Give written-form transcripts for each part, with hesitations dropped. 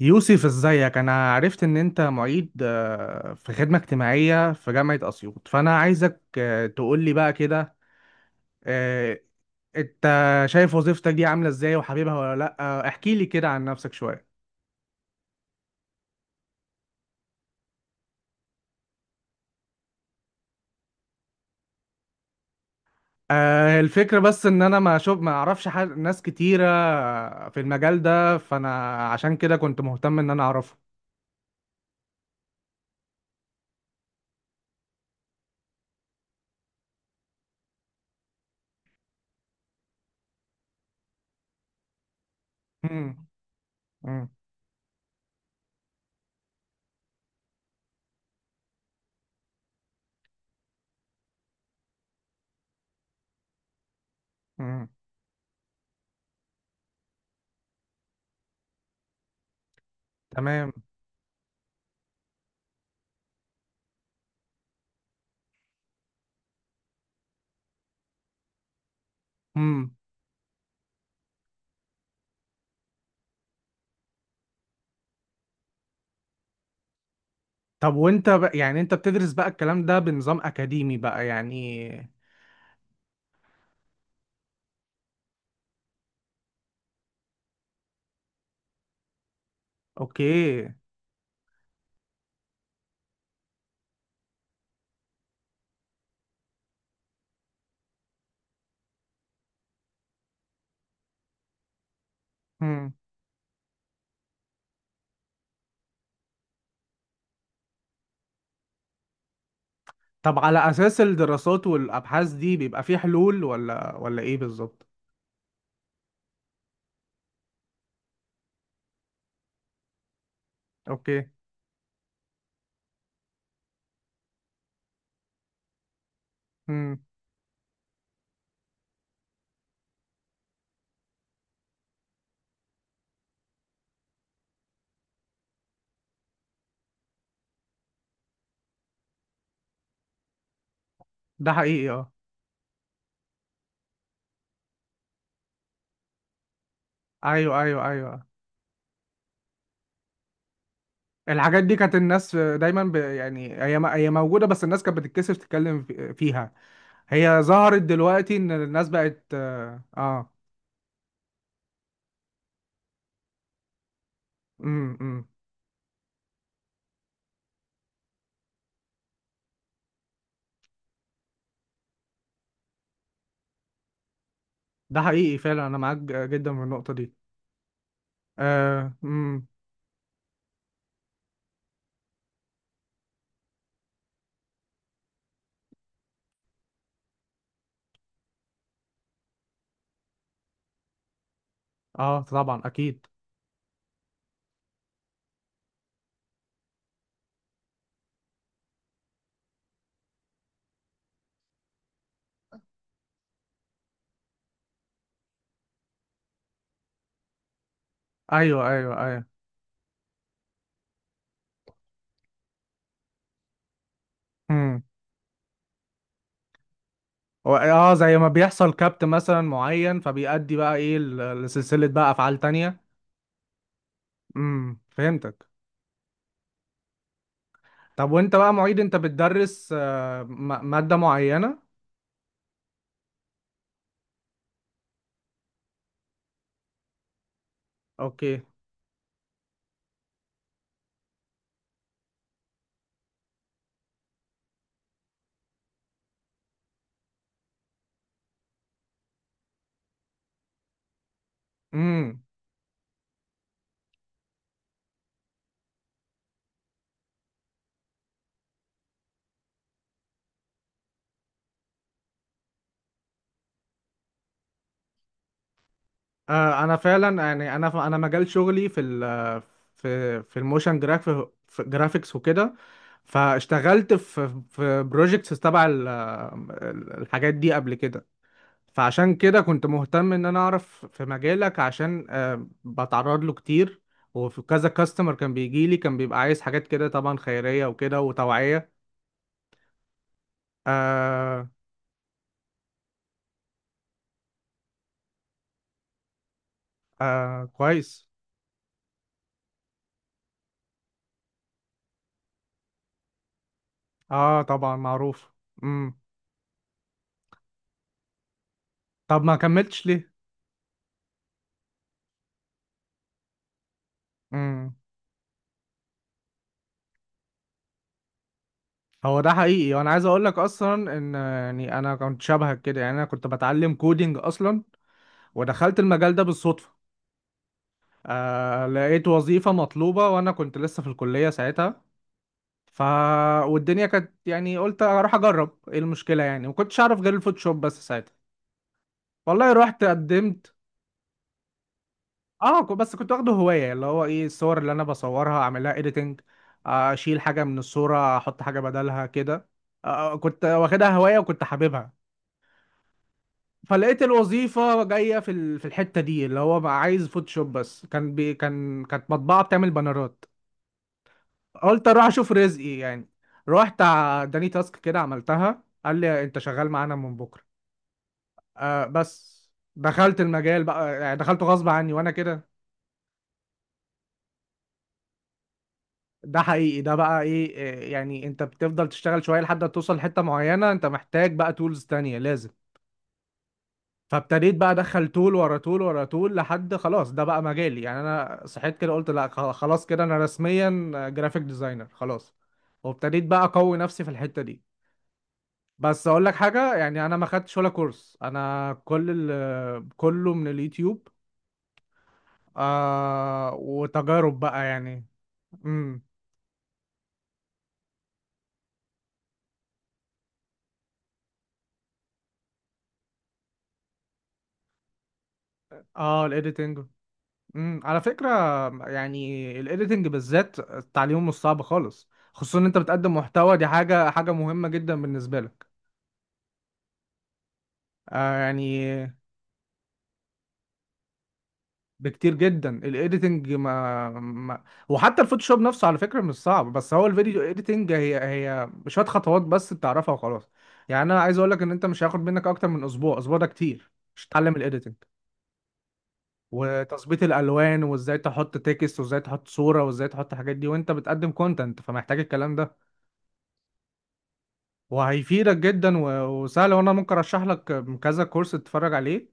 يوسف ازيك. انا عرفت ان انت معيد في خدمة اجتماعية في جامعة اسيوط، فانا عايزك تقولي بقى كده آه، انت شايف وظيفتك دي عاملة ازاي وحبيبها ولا لا؟ احكي لي كده عن نفسك شوية. الفكرة بس ان انا ما شوف ما اعرفش ناس كتيرة في المجال ده، فانا عشان كده كنت مهتم ان انا اعرفه. مم، مم، مم، تمام. مم. طب وانت بقى، يعني انت بتدرس بقى الكلام ده بنظام اكاديمي بقى يعني؟ اوكي. امم. طب على اساس الدراسات والابحاث دي بيبقى في حلول ولا ايه بالظبط؟ اوكي. امم. ده حقيقي، اه. ايوه ايوه ايوه، الحاجات دي كانت الناس دايما يعني هي موجوده، بس الناس كانت بتتكسف تتكلم فيها. هي ظهرت دلوقتي ان الناس بقت اه آه. امم، امم. ده حقيقي فعلا، انا معاك جدا في النقطه دي. اه، امم. اه طبعا اكيد. ايوه ايوه ايوه، هو اه زي ما بيحصل كابت مثلا معين، فبيأدي بقى ايه لسلسلة بقى افعال تانية. امم، فهمتك. طب وانت بقى معيد، انت بتدرس مادة معينة؟ اوكي. امم. آه انا فعلا، يعني انا انا مجال شغلي في ال في في الموشن جراف، في جرافيكس وكده، فاشتغلت في بروجيكتس تبع الحاجات دي قبل كده. فعشان كده كنت مهتم ان انا اعرف في مجالك، عشان بتعرض له كتير وفي كذا كاستمر كان بيجي لي، كان بيبقى عايز حاجات كده طبعا خيرية وكده وتوعية. آه. آه كويس. اه طبعا معروف. امم. طب ما كملتش ليه؟ امم. هو ده حقيقي، وانا عايز اقول لك اصلا ان يعني انا كنت شبهك كده، يعني انا كنت بتعلم كودينج اصلا ودخلت المجال ده بالصدفة. آه، لقيت وظيفة مطلوبة وانا كنت لسه في الكلية ساعتها. ف والدنيا كانت يعني، قلت اروح اجرب ايه المشكله؟ يعني ما كنتش اعرف غير الفوتوشوب بس ساعتها. والله رحت قدمت. اه، بس كنت واخده هوايه، اللي هو ايه، الصور اللي انا بصورها اعملها اديتنج، اشيل حاجه من الصوره احط حاجه بدلها كده. آه كنت واخدها هوايه وكنت حاببها. فلقيت الوظيفه جايه في في الحته دي، اللي هو بقى عايز فوتوشوب بس، كان بي كان كانت مطبعه بتعمل بانرات. قلت اروح اشوف رزقي يعني. رحت اداني تاسك كده، عملتها، قال لي انت شغال معانا من بكره. آه بس، دخلت المجال بقى يعني، دخلته غصب عني وانا كده. ده حقيقي، ده بقى ايه يعني انت بتفضل تشتغل شويه لحد ما توصل لحته معينه انت محتاج بقى تولز تانية لازم. فابتديت بقى ادخل تول ورا تول ورا تول، لحد خلاص ده بقى مجالي يعني، انا صحيت كده قلت لا خلاص كده انا رسميا جرافيك ديزاينر خلاص. وابتديت بقى اقوي نفسي في الحته دي. بس اقول لك حاجه، يعني انا ما خدتش ولا كورس، انا كله من اليوتيوب. آه وتجارب بقى يعني. امم. اه الايديتنج. امم. على فكره يعني الايديتنج بالذات التعليم مش صعب خالص، خصوصا ان انت بتقدم محتوى، دي حاجه مهمه جدا بالنسبه لك. آه يعني، بكتير جدا الايديتنج ما, ما وحتى الفوتوشوب نفسه على فكره مش صعب، بس هو الفيديو ايديتنج هي شويه خطوات بس بتعرفها وخلاص. يعني انا عايز اقول لك ان انت مش هياخد منك اكتر من اسبوع، اسبوع ده كتير مش تتعلم الايديتنج وتظبيط الالوان وازاي تحط تكست وازاي تحط صوره وازاي تحط الحاجات دي، وانت بتقدم كونتنت فمحتاج الكلام ده. وهيفيدك جدا وسهل، وانا ممكن ارشح لك كذا كورس تتفرج عليه،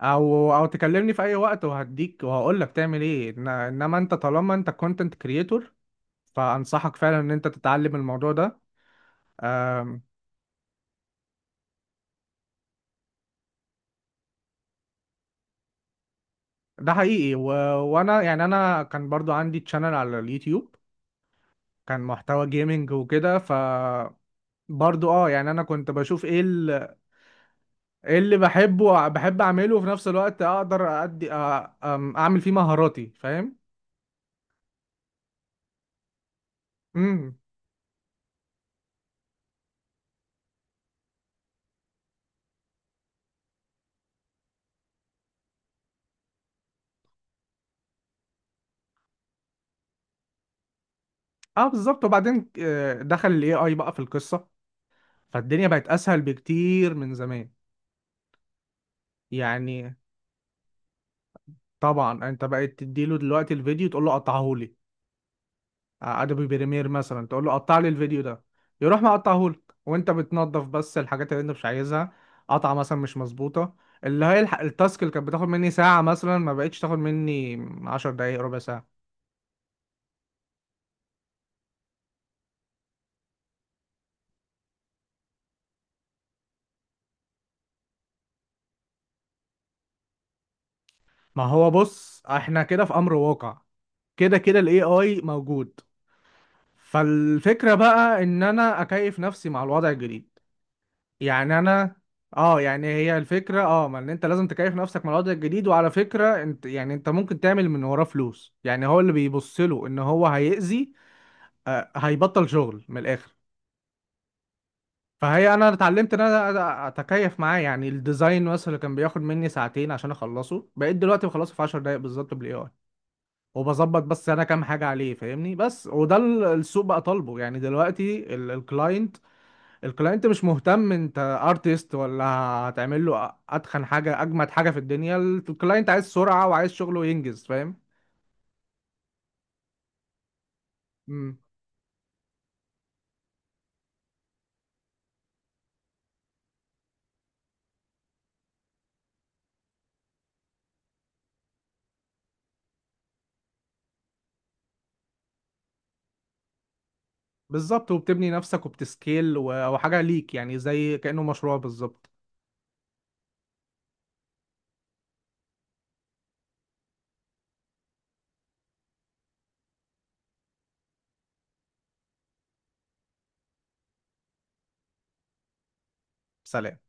او تكلمني في اي وقت وهديك وهقول لك تعمل ايه. انما انت طالما انت كونتنت كريتور، فانصحك فعلا ان انت تتعلم الموضوع ده. أم، ده حقيقي وانا يعني، انا كان برضو عندي تشانل على اليوتيوب، كان محتوى جيمنج وكده. برضو اه، يعني انا كنت بشوف ايه، ايه اللي بحبه بحب اعمله، وفي نفس الوقت اقدر ادي اعمل فيه مهاراتي، فاهم؟ امم. اه بالظبط، وبعدين دخل الاي اي بقى في القصه، فالدنيا بقت اسهل بكتير من زمان. يعني طبعا انت بقيت تديله دلوقتي الفيديو تقول له قطعه لي، ادوبي بريمير مثلا تقول له قطع لي الفيديو ده، يروح مقطعه لك وانت بتنظف بس الحاجات اللي انت مش عايزها، قطعه مثلا مش مظبوطه. اللي هي التاسك اللي كانت بتاخد مني ساعه مثلا، ما بقتش تاخد مني 10 دقايق، ربع ساعه. ما هو بص، احنا كده في امر واقع، كده كده الاي اي موجود. فالفكره بقى ان انا اكيف نفسي مع الوضع الجديد. يعني انا، اه يعني هي الفكره اه ما، ان انت لازم تكيف نفسك مع الوضع الجديد، وعلى فكره انت يعني انت ممكن تعمل من وراه فلوس. يعني هو اللي بيبص له ان هو هيأذي، آه هيبطل شغل من الاخر. فهي انا اتعلمت ان انا اتكيف معاه. يعني الديزاين مثلا اللي كان بياخد مني ساعتين عشان اخلصه، بقيت دلوقتي بخلصه في 10 دقايق بالظبط بالاي اي. وبظبط بس انا كام حاجه عليه، فاهمني؟ بس وده السوق بقى طالبه يعني. دلوقتي الكلاينت، الكلاينت مش مهتم انت ارتست ولا هتعمل له اتخن حاجه اجمد حاجه في الدنيا، الكلاينت عايز سرعه وعايز شغله ينجز، فاهم؟ امم. بالظبط، وبتبني نفسك وبتسكيل وحاجه ليك يعني زي كانه مشروع بالظبط. سلام.